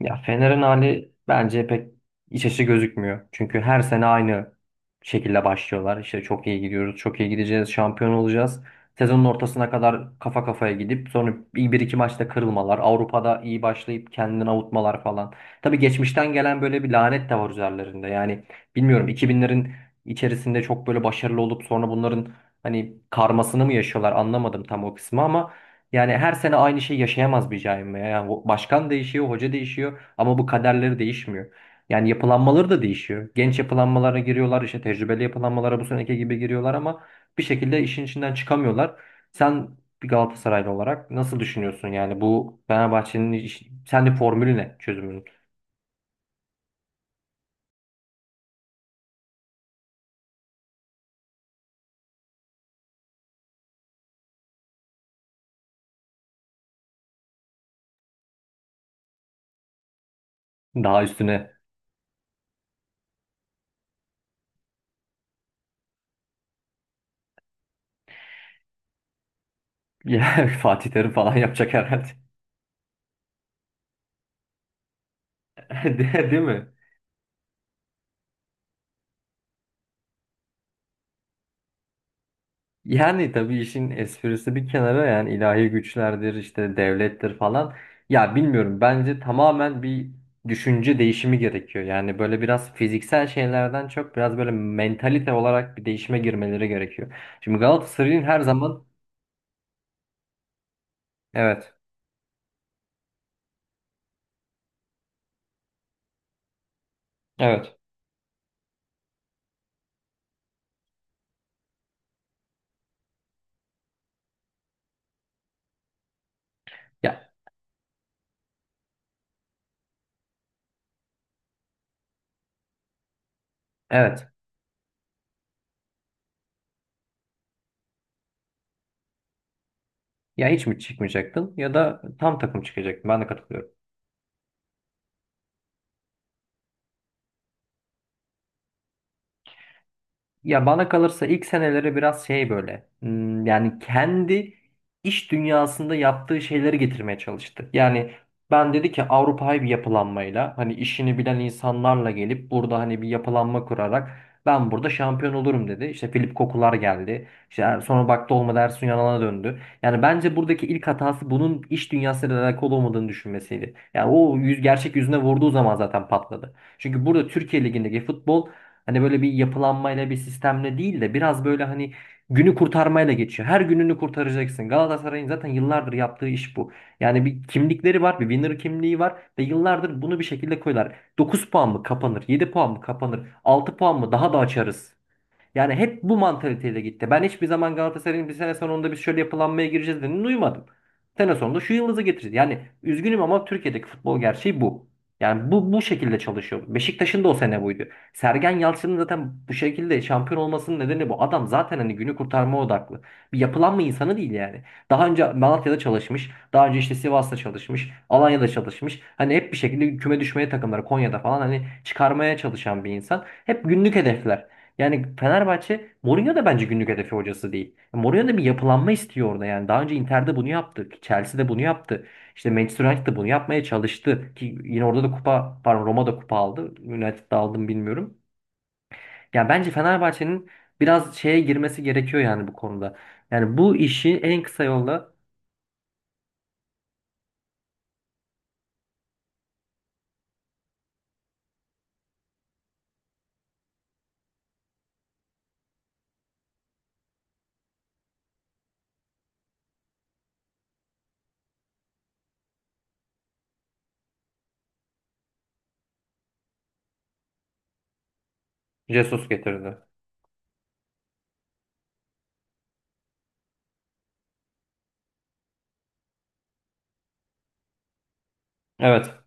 Ya Fener'in hali bence pek iç açıcı gözükmüyor. Çünkü her sene aynı şekilde başlıyorlar. İşte çok iyi gidiyoruz, çok iyi gideceğiz, şampiyon olacağız. Sezonun ortasına kadar kafa kafaya gidip sonra bir iki maçta kırılmalar, Avrupa'da iyi başlayıp kendini avutmalar falan. Tabii geçmişten gelen böyle bir lanet de var üzerlerinde. Yani bilmiyorum 2000'lerin içerisinde çok böyle başarılı olup sonra bunların hani karmasını mı yaşıyorlar anlamadım tam o kısmı ama yani her sene aynı şeyi yaşayamaz bir cami. Yani başkan değişiyor, hoca değişiyor ama bu kaderleri değişmiyor. Yani yapılanmaları da değişiyor. Genç yapılanmalara giriyorlar, işte tecrübeli yapılanmalara bu seneki gibi giriyorlar ama bir şekilde işin içinden çıkamıyorlar. Sen bir Galatasaraylı olarak nasıl düşünüyorsun yani bu Fenerbahçe'nin sen formülü ne çözümünün? Daha üstüne ya Fatih Terim falan yapacak herhalde. Değil mi? Yani tabii işin esprisi bir kenara, yani ilahi güçlerdir, işte devlettir falan. Ya bilmiyorum, bence tamamen bir düşünce değişimi gerekiyor. Yani böyle biraz fiziksel şeylerden çok biraz böyle mentalite olarak bir değişime girmeleri gerekiyor. Şimdi Galatasaray'ın her zaman evet, evet, ya evet, ya hiç mi çıkmayacaktın ya da tam takım çıkacaktın, ben de katılıyorum. Ya bana kalırsa ilk seneleri biraz şey böyle, yani kendi iş dünyasında yaptığı şeyleri getirmeye çalıştı. Yani ben dedi ki Avrupa'yı bir yapılanmayla, hani işini bilen insanlarla gelip burada hani bir yapılanma kurarak ben burada şampiyon olurum dedi. İşte Filip Kokular geldi. İşte sonra baktı olmadı, Ersun Yanal'a döndü. Yani bence buradaki ilk hatası bunun iş dünyasıyla alakalı olmadığını düşünmesiydi. Yani o yüz gerçek yüzüne vurduğu zaman zaten patladı. Çünkü burada Türkiye Ligi'ndeki futbol, hani böyle bir yapılanmayla bir sistemle değil de biraz böyle hani günü kurtarmayla geçiyor. Her gününü kurtaracaksın. Galatasaray'ın zaten yıllardır yaptığı iş bu. Yani bir kimlikleri var, bir winner kimliği var ve yıllardır bunu bir şekilde koyuyorlar. 9 puan mı kapanır, yedi puan mı kapanır, altı puan mı daha da açarız. Yani hep bu mantaliteyle gitti. Ben hiçbir zaman Galatasaray'ın bir sene sonunda biz şöyle yapılanmaya gireceğiz dediğini duymadım. Sene sonunda şu yıldızı getireceğiz. Yani üzgünüm ama Türkiye'deki futbol gerçeği bu. Yani bu şekilde çalışıyor. Beşiktaş'ın da o sene buydu. Sergen Yalçın'ın zaten bu şekilde şampiyon olmasının nedeni bu. Adam zaten hani günü kurtarma odaklı. Bir yapılanma insanı değil yani. Daha önce Malatya'da çalışmış. Daha önce işte Sivas'ta çalışmış. Alanya'da çalışmış. Hani hep bir şekilde küme düşmeye takımları Konya'da falan hani çıkarmaya çalışan bir insan. Hep günlük hedefler. Yani Fenerbahçe Mourinho da bence günlük hedefi hocası değil. Mourinho da bir yapılanma istiyor orada yani. Daha önce Inter'de bunu yaptı. Chelsea'de bunu yaptı. İşte Manchester United bunu yapmaya çalıştı. Ki yine orada da kupa, pardon Roma'da da kupa aldı. United'da aldım bilmiyorum. Yani bence Fenerbahçe'nin biraz şeye girmesi gerekiyor yani bu konuda. Yani bu işi en kısa yolla Jesus getirdi. Evet.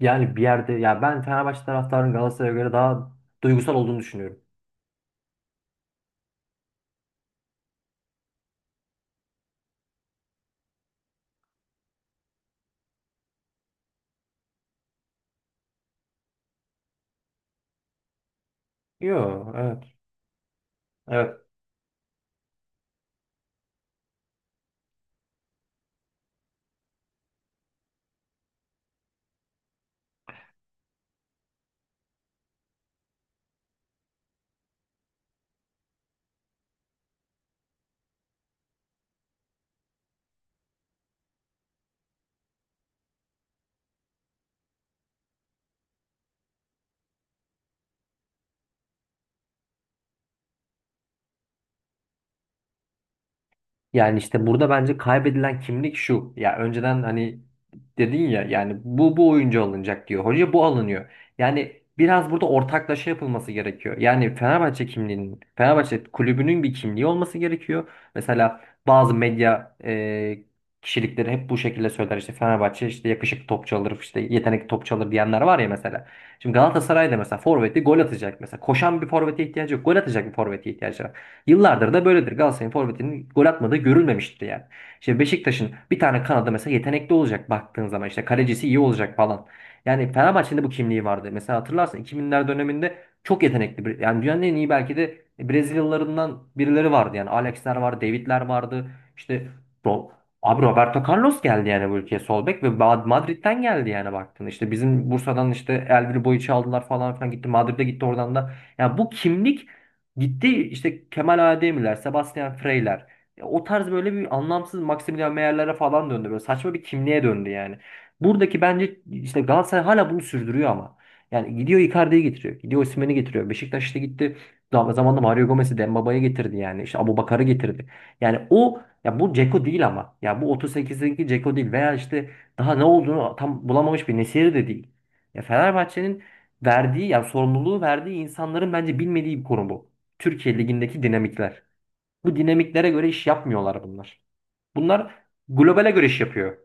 Yani bir yerde, ya ben Fenerbahçe taraftarının Galatasaray'a göre daha duygusal olduğunu düşünüyorum. Yok, evet. Evet. Yani işte burada bence kaybedilen kimlik şu. Ya önceden hani dedin ya, yani bu oyuncu alınacak diyor. Hoca bu alınıyor. Yani biraz burada ortaklaşa yapılması gerekiyor. Yani Fenerbahçe kimliğinin, Fenerbahçe kulübünün bir kimliği olması gerekiyor. Mesela bazı medya kişilikleri hep bu şekilde söyler. İşte Fenerbahçe işte yakışıklı topçu alır, işte yetenekli topçu alır diyenler var ya mesela. Şimdi Galatasaray'da mesela forveti gol atacak mesela. Koşan bir forvete ihtiyacı yok. Gol atacak bir forvete ihtiyacı var. Yıllardır da böyledir. Galatasaray'ın forvetinin gol atmadığı görülmemiştir yani. İşte Beşiktaş'ın bir tane kanadı mesela yetenekli olacak, baktığın zaman işte kalecisi iyi olacak falan. Yani Fenerbahçe'nin de bu kimliği vardı. Mesela hatırlarsın 2000'ler döneminde çok yetenekli, bir yani dünyanın en iyi belki de Brezilyalılarından birileri vardı yani. Alex'ler vardı, David'ler vardı. İşte Ro- abi Roberto Carlos geldi yani bu ülkeye sol bek ve Madrid'den geldi yani baktığında. İşte bizim Bursa'dan işte Elvir Boyic'i aldılar falan filan, gitti Madrid'e gitti oradan da. Yani bu kimlik gitti. İşte Kemal Ademirler, Sebastian Freyler. Ya o tarz böyle bir anlamsız Maximilian Meyer'lere falan döndü. Böyle saçma bir kimliğe döndü yani. Buradaki bence işte Galatasaray hala bunu sürdürüyor ama. Yani gidiyor Icardi'yi getiriyor. Gidiyor Osimhen'i getiriyor. Beşiktaş işte gitti. Zamanında Mario Gomez'i, Dembaba'yı getirdi yani. İşte Abubakar'ı getirdi. Yani o ya bu Dzeko değil ama. Ya bu 38'deki Dzeko değil veya işte daha ne olduğunu tam bulamamış bir Nesiri de değil. Ya Fenerbahçe'nin verdiği, yani sorumluluğu verdiği insanların bence bilmediği bir konu bu. Türkiye ligindeki dinamikler. Bu dinamiklere göre iş yapmıyorlar bunlar. Bunlar globale göre iş yapıyor.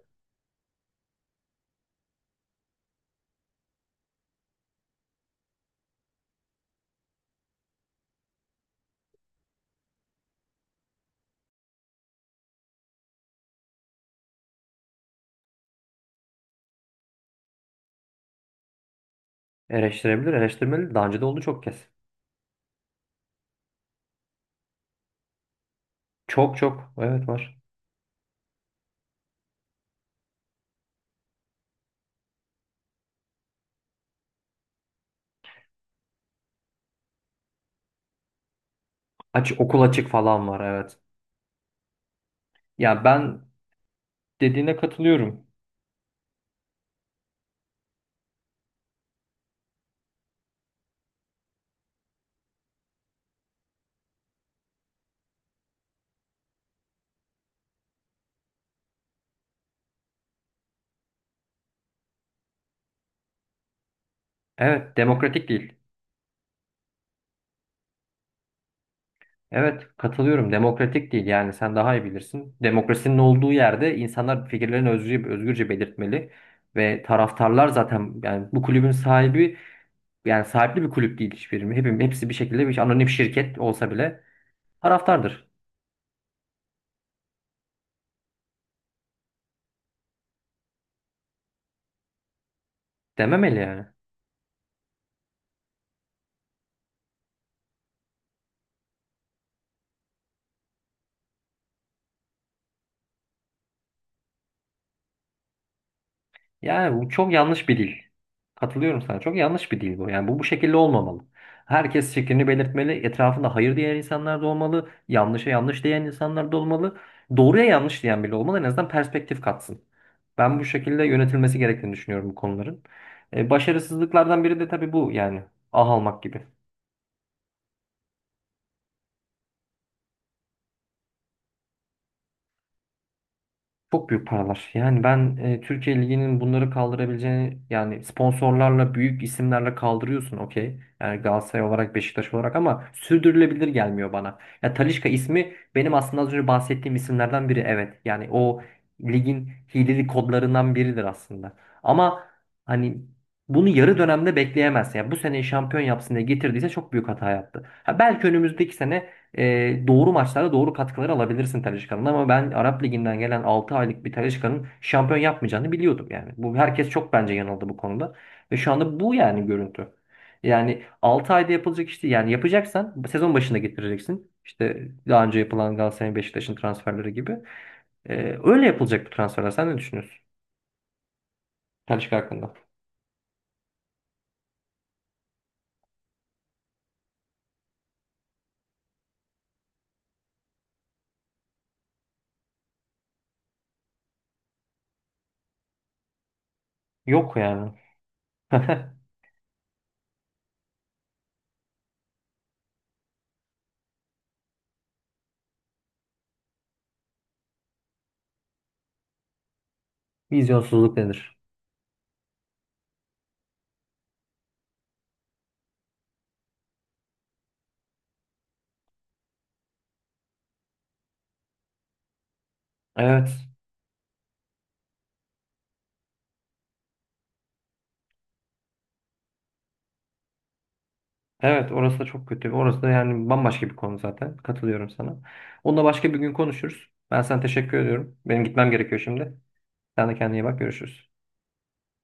Eleştirebilir, eleştirmeli. Daha önce de oldu çok kez. Çok çok. Evet var. Aç, okul açık falan var, evet. Ya ben dediğine katılıyorum. Evet, demokratik değil. Evet katılıyorum, demokratik değil. Yani sen daha iyi bilirsin. Demokrasinin olduğu yerde insanlar fikirlerini özgürce, özgürce belirtmeli. Ve taraftarlar zaten yani bu kulübün sahibi. Yani sahipli bir kulüp değil hiçbiri. Hepsi bir şekilde bir anonim şirket olsa bile taraftardır. Dememeli yani. Yani bu çok yanlış bir dil. Katılıyorum sana. Çok yanlış bir dil bu. Yani bu şekilde olmamalı. Herkes fikrini belirtmeli. Etrafında hayır diyen insanlar da olmalı. Yanlışa yanlış diyen insanlar da olmalı. Doğruya yanlış diyen bile olmalı. En azından perspektif katsın. Ben bu şekilde yönetilmesi gerektiğini düşünüyorum bu konuların. Başarısızlıklardan biri de tabii bu yani. Ah almak gibi. Çok büyük paralar. Yani ben Türkiye Ligi'nin bunları kaldırabileceğini, yani sponsorlarla büyük isimlerle kaldırıyorsun, okey. Yani Galatasaray olarak, Beşiktaş olarak, ama sürdürülebilir gelmiyor bana. Ya Talisca ismi benim aslında az önce bahsettiğim isimlerden biri, evet. Yani o ligin hileli kodlarından biridir aslında. Ama hani bunu yarı dönemde bekleyemezsin. Yani bu sene şampiyon yapsın diye getirdiyse çok büyük hata yaptı. Ha, belki önümüzdeki sene doğru maçlarda doğru katkıları alabilirsin Talisca'nın, ama ben Arap Ligi'nden gelen 6 aylık bir Talisca'nın şampiyon yapmayacağını biliyordum yani. Bu herkes çok bence yanıldı bu konuda ve şu anda bu yani görüntü. Yani 6 ayda yapılacak işte, yani yapacaksan sezon başında getireceksin. İşte daha önce yapılan Galatasaray'ın Beşiktaş'ın transferleri gibi. E, öyle yapılacak bu transferler. Sen ne düşünüyorsun Talisca hakkında? Yok yani. Vizyonsuzluk nedir? Evet. Evet, orası da çok kötü. Orası da yani bambaşka bir konu zaten. Katılıyorum sana. Onunla başka bir gün konuşuruz. Ben sana teşekkür ediyorum. Benim gitmem gerekiyor şimdi. Sen de kendine iyi bak. Görüşürüz.